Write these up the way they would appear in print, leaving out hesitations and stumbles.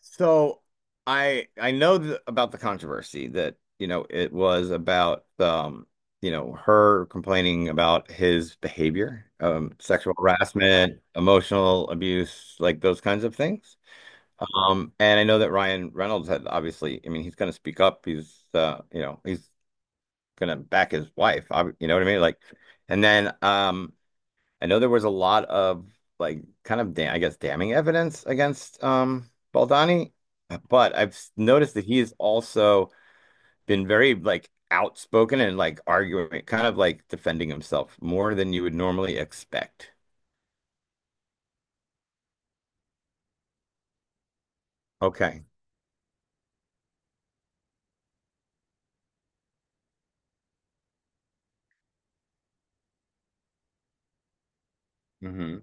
So I know th about the controversy that it was about her complaining about his behavior, sexual harassment, emotional abuse, like those kinds of things. And I know that Ryan Reynolds had obviously, I mean, he's going to speak up. He's going to back his wife. You know what I mean? Like, and then I know there was a lot of like kind of da I guess damning evidence against Baldani but I've noticed that he has also been very like outspoken and like arguing, kind of like defending himself more than you would normally expect. Okay. Hmm.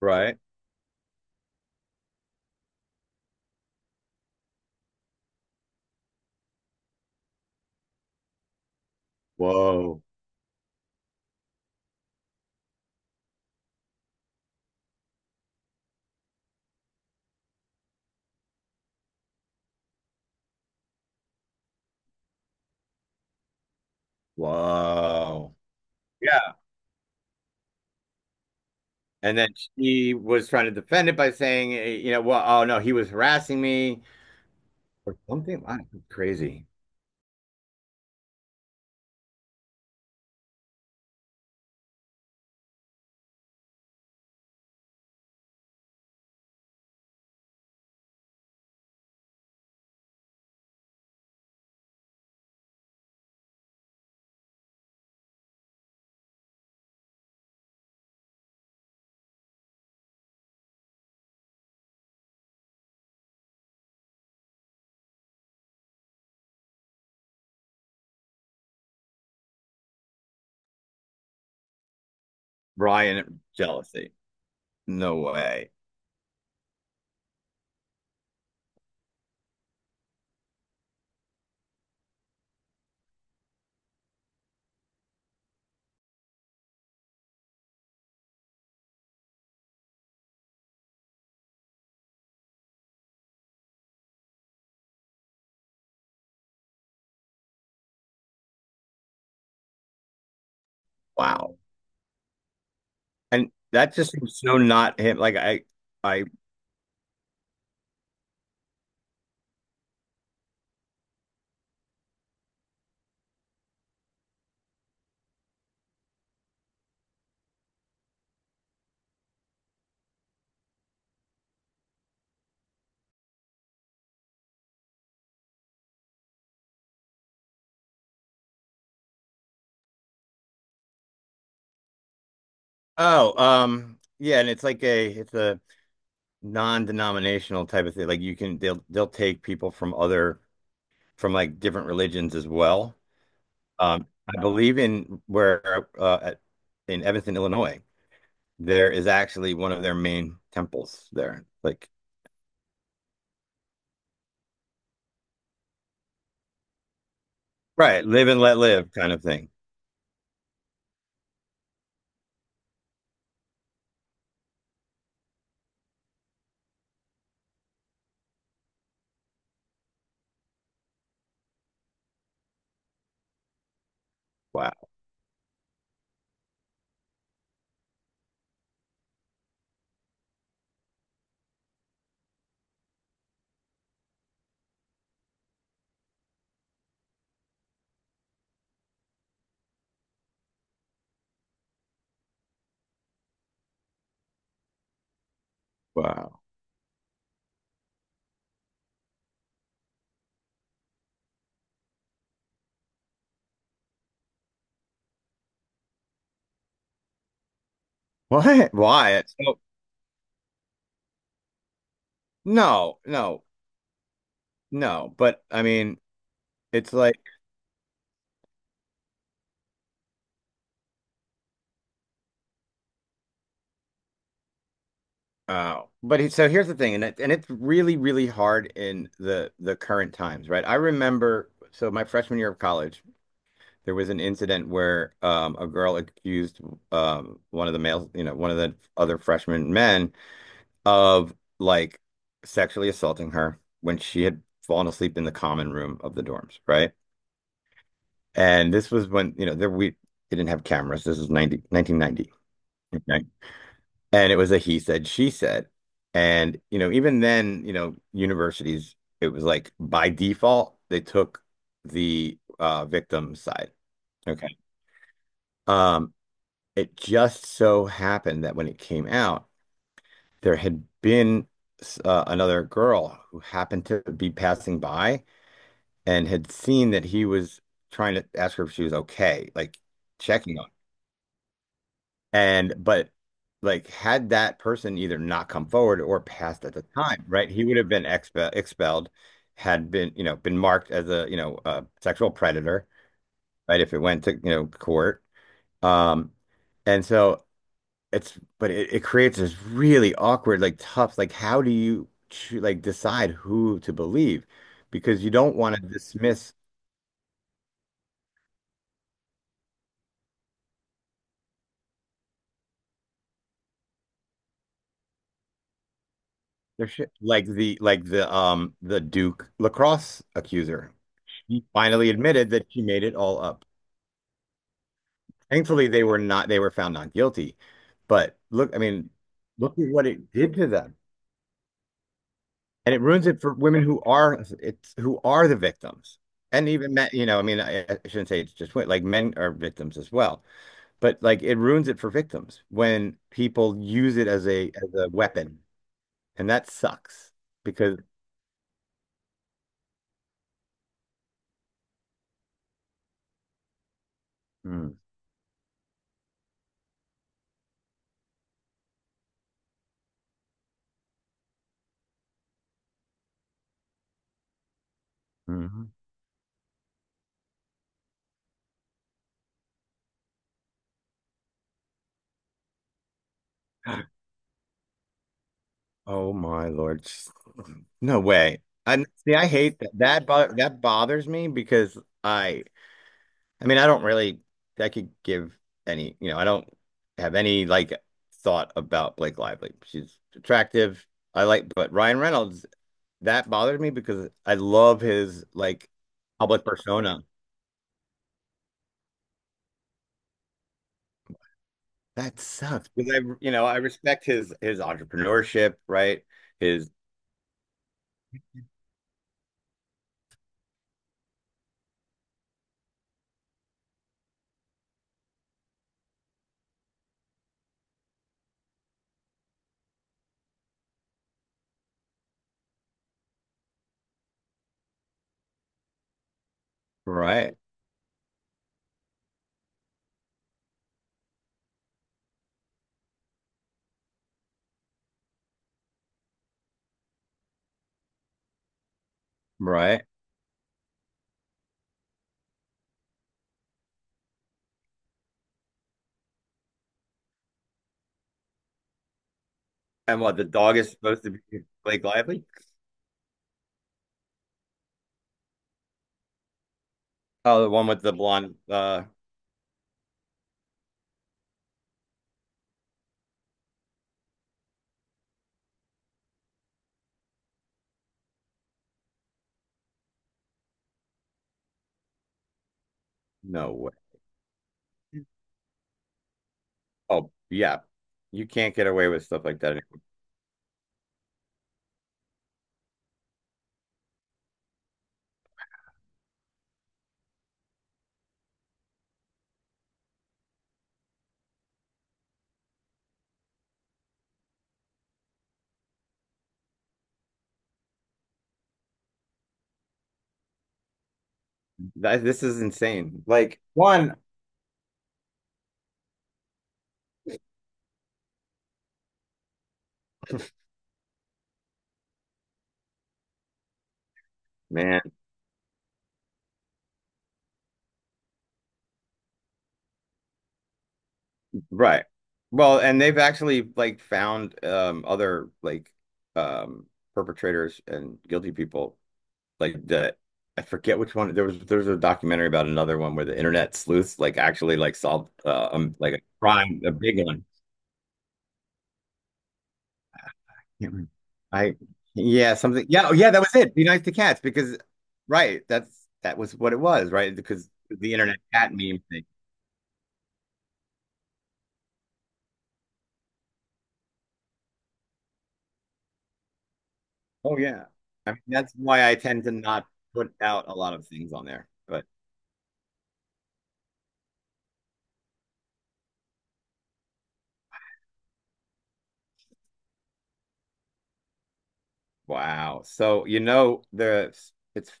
Right. Whoa. Whoa. Yeah. And then she was trying to defend it by saying, you know, well, oh no, he was harassing me or something. Wow, crazy. Ryan jealousy. No way. Wow. And that just seems so not him. Like I. Oh, yeah, and it's like a non-denominational type of thing. Like you can they'll take people from like different religions as well. I believe in Evanston, Illinois, there is actually one of their main temples there. Like. Right, live and let live kind of thing. Wow. Wow. What? Why? So, no, no, no. But I mean, it's like. But so here's the thing, and it's really, really hard in the current times, right? I remember, so my freshman year of college, there was an incident where a girl accused one of the males, you know, one of the other freshman men of like sexually assaulting her when she had fallen asleep in the common room of the dorms, right? And this was when, you know, there we didn't have cameras. This is 90 1990. Okay? And it was a he said, she said. And, you know, even then, you know, universities, it was like by default, they took the victim's side. Okay. Um, it just so happened that when it came out, there had been another girl who happened to be passing by and had seen that he was trying to ask her if she was okay, like checking on. And but like had that person either not come forward or passed at the time, right? He would have been expelled, had been, you know, been marked as a sexual predator, right? If it went to, you know, court. Um, and so it creates this really awkward, like tough, like how do you like decide who to believe? Because you don't want to dismiss their shit. Like the Duke lacrosse accuser. She finally admitted that she made it all up. Thankfully, they were found not guilty. But look, I mean, look at what it did to them. And it ruins it for women who are the victims. And even men, you know, I mean, I shouldn't say it's just women, like men are victims as well. But like it ruins it for victims when people use it as a weapon. And that sucks because. Mm. Mhm. Oh my Lord. No way. I hate that. That bo that bothers me because I I mean, I don't really, I could give any, you know, I don't have any like thought about Blake Lively. She's attractive. But Ryan Reynolds, that bothered me because I love his like public persona. That sucks because I respect his entrepreneurship, right? His. Right, right. And what the dog is supposed to be Blake Lively? Oh, the one with the blonde. No way. Oh, yeah. You can't get away with stuff like that. This is insane. Like one man, right? Well, and they've actually like found other like um perpetrators and guilty people like that. I forget which one. There's a documentary about another one where the internet sleuths like actually like solved like a crime, a big one. Can't remember. I Yeah, something. Yeah. Oh, yeah, that was it. Be nice to cats because right that was what it was, right, because the internet cat meme thing. Oh, yeah. I mean, that's why I tend to not put out a lot of things on there. But wow. So you know the it's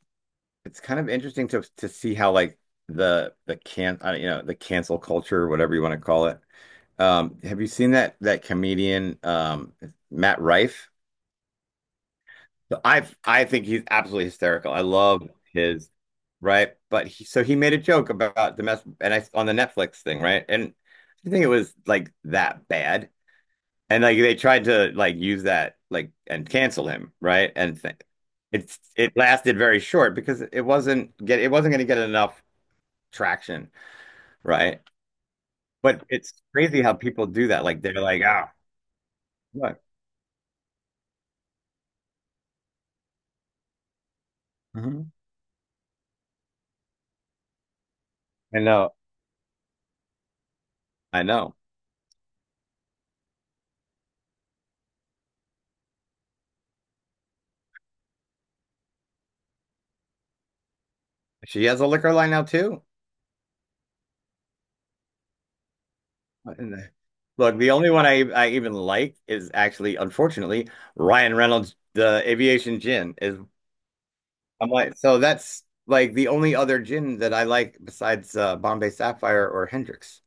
it's kind of interesting to see how like the can I don't- you know the cancel culture, whatever you want to call it. Have you seen that comedian Matt Rife? So I think he's absolutely hysterical. I love his. Right, but he made a joke about the mess and I on the Netflix thing, right? And I think it was like that bad. And like they tried to like use that like and cancel him, right? And th it's it lasted very short because it wasn't going to get enough traction, right? But it's crazy how people do that. Like they're like, ah, what? Mhm. I know, I know. She has a liquor line now too. And, look, the only one I even like is actually, unfortunately, Ryan Reynolds. The aviation gin is. I'm like, so that's like the only other gin that I like besides Bombay Sapphire or Hendrix.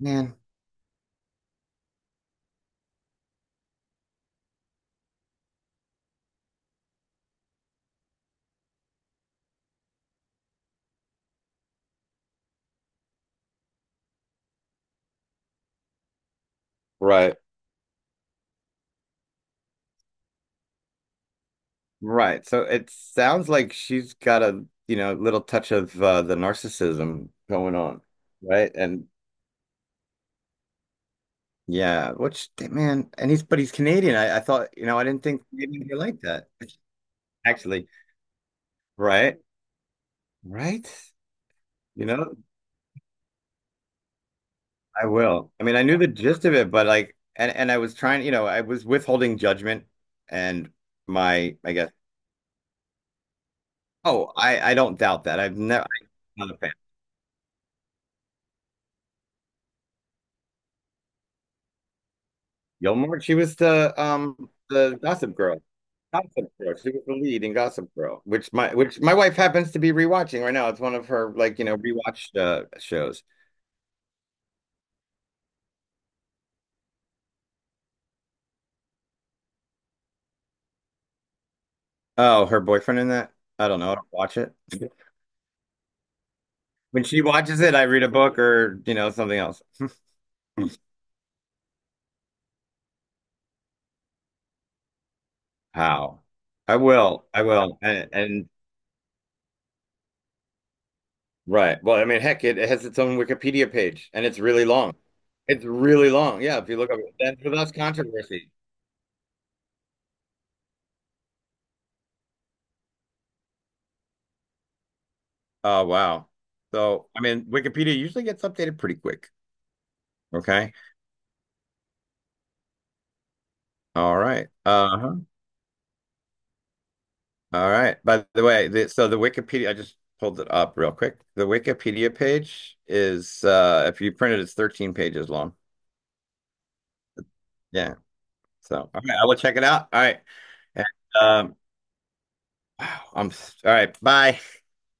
Man. Right. Right. So it sounds like she's got a, you know, little touch of the narcissism going on, right? And yeah, which man, and he's Canadian. I thought, you know, I didn't think maybe he like that actually, right? Right? You know, I will. I mean, I knew the gist of it, but like, and I was trying, you know, I was withholding judgment and my, I guess, Oh, I don't doubt that. I'm not a fan. Gilmore, she was the Gossip Girl. Gossip Girl. She was the lead in Gossip Girl, which my wife happens to be rewatching right now. It's one of her like, you know, rewatched shows. Oh, her boyfriend in that? I don't know. I don't watch it. When she watches it, I read a book or, you know, something else. How? I will. I will. And right. Well, I mean, heck, it has its own Wikipedia page and it's really long. It's really long. Yeah, if you look up it stands for thus controversy. Oh, wow. So, I mean, Wikipedia usually gets updated pretty quick. Okay. All right. Uh-huh. All right. By the way, so the Wikipedia, I just pulled it up real quick. The Wikipedia page is, if you print it, it's 13 pages long. Yeah. So, all right, I will check it out. All right. And, um, wow. I'm all right. Bye.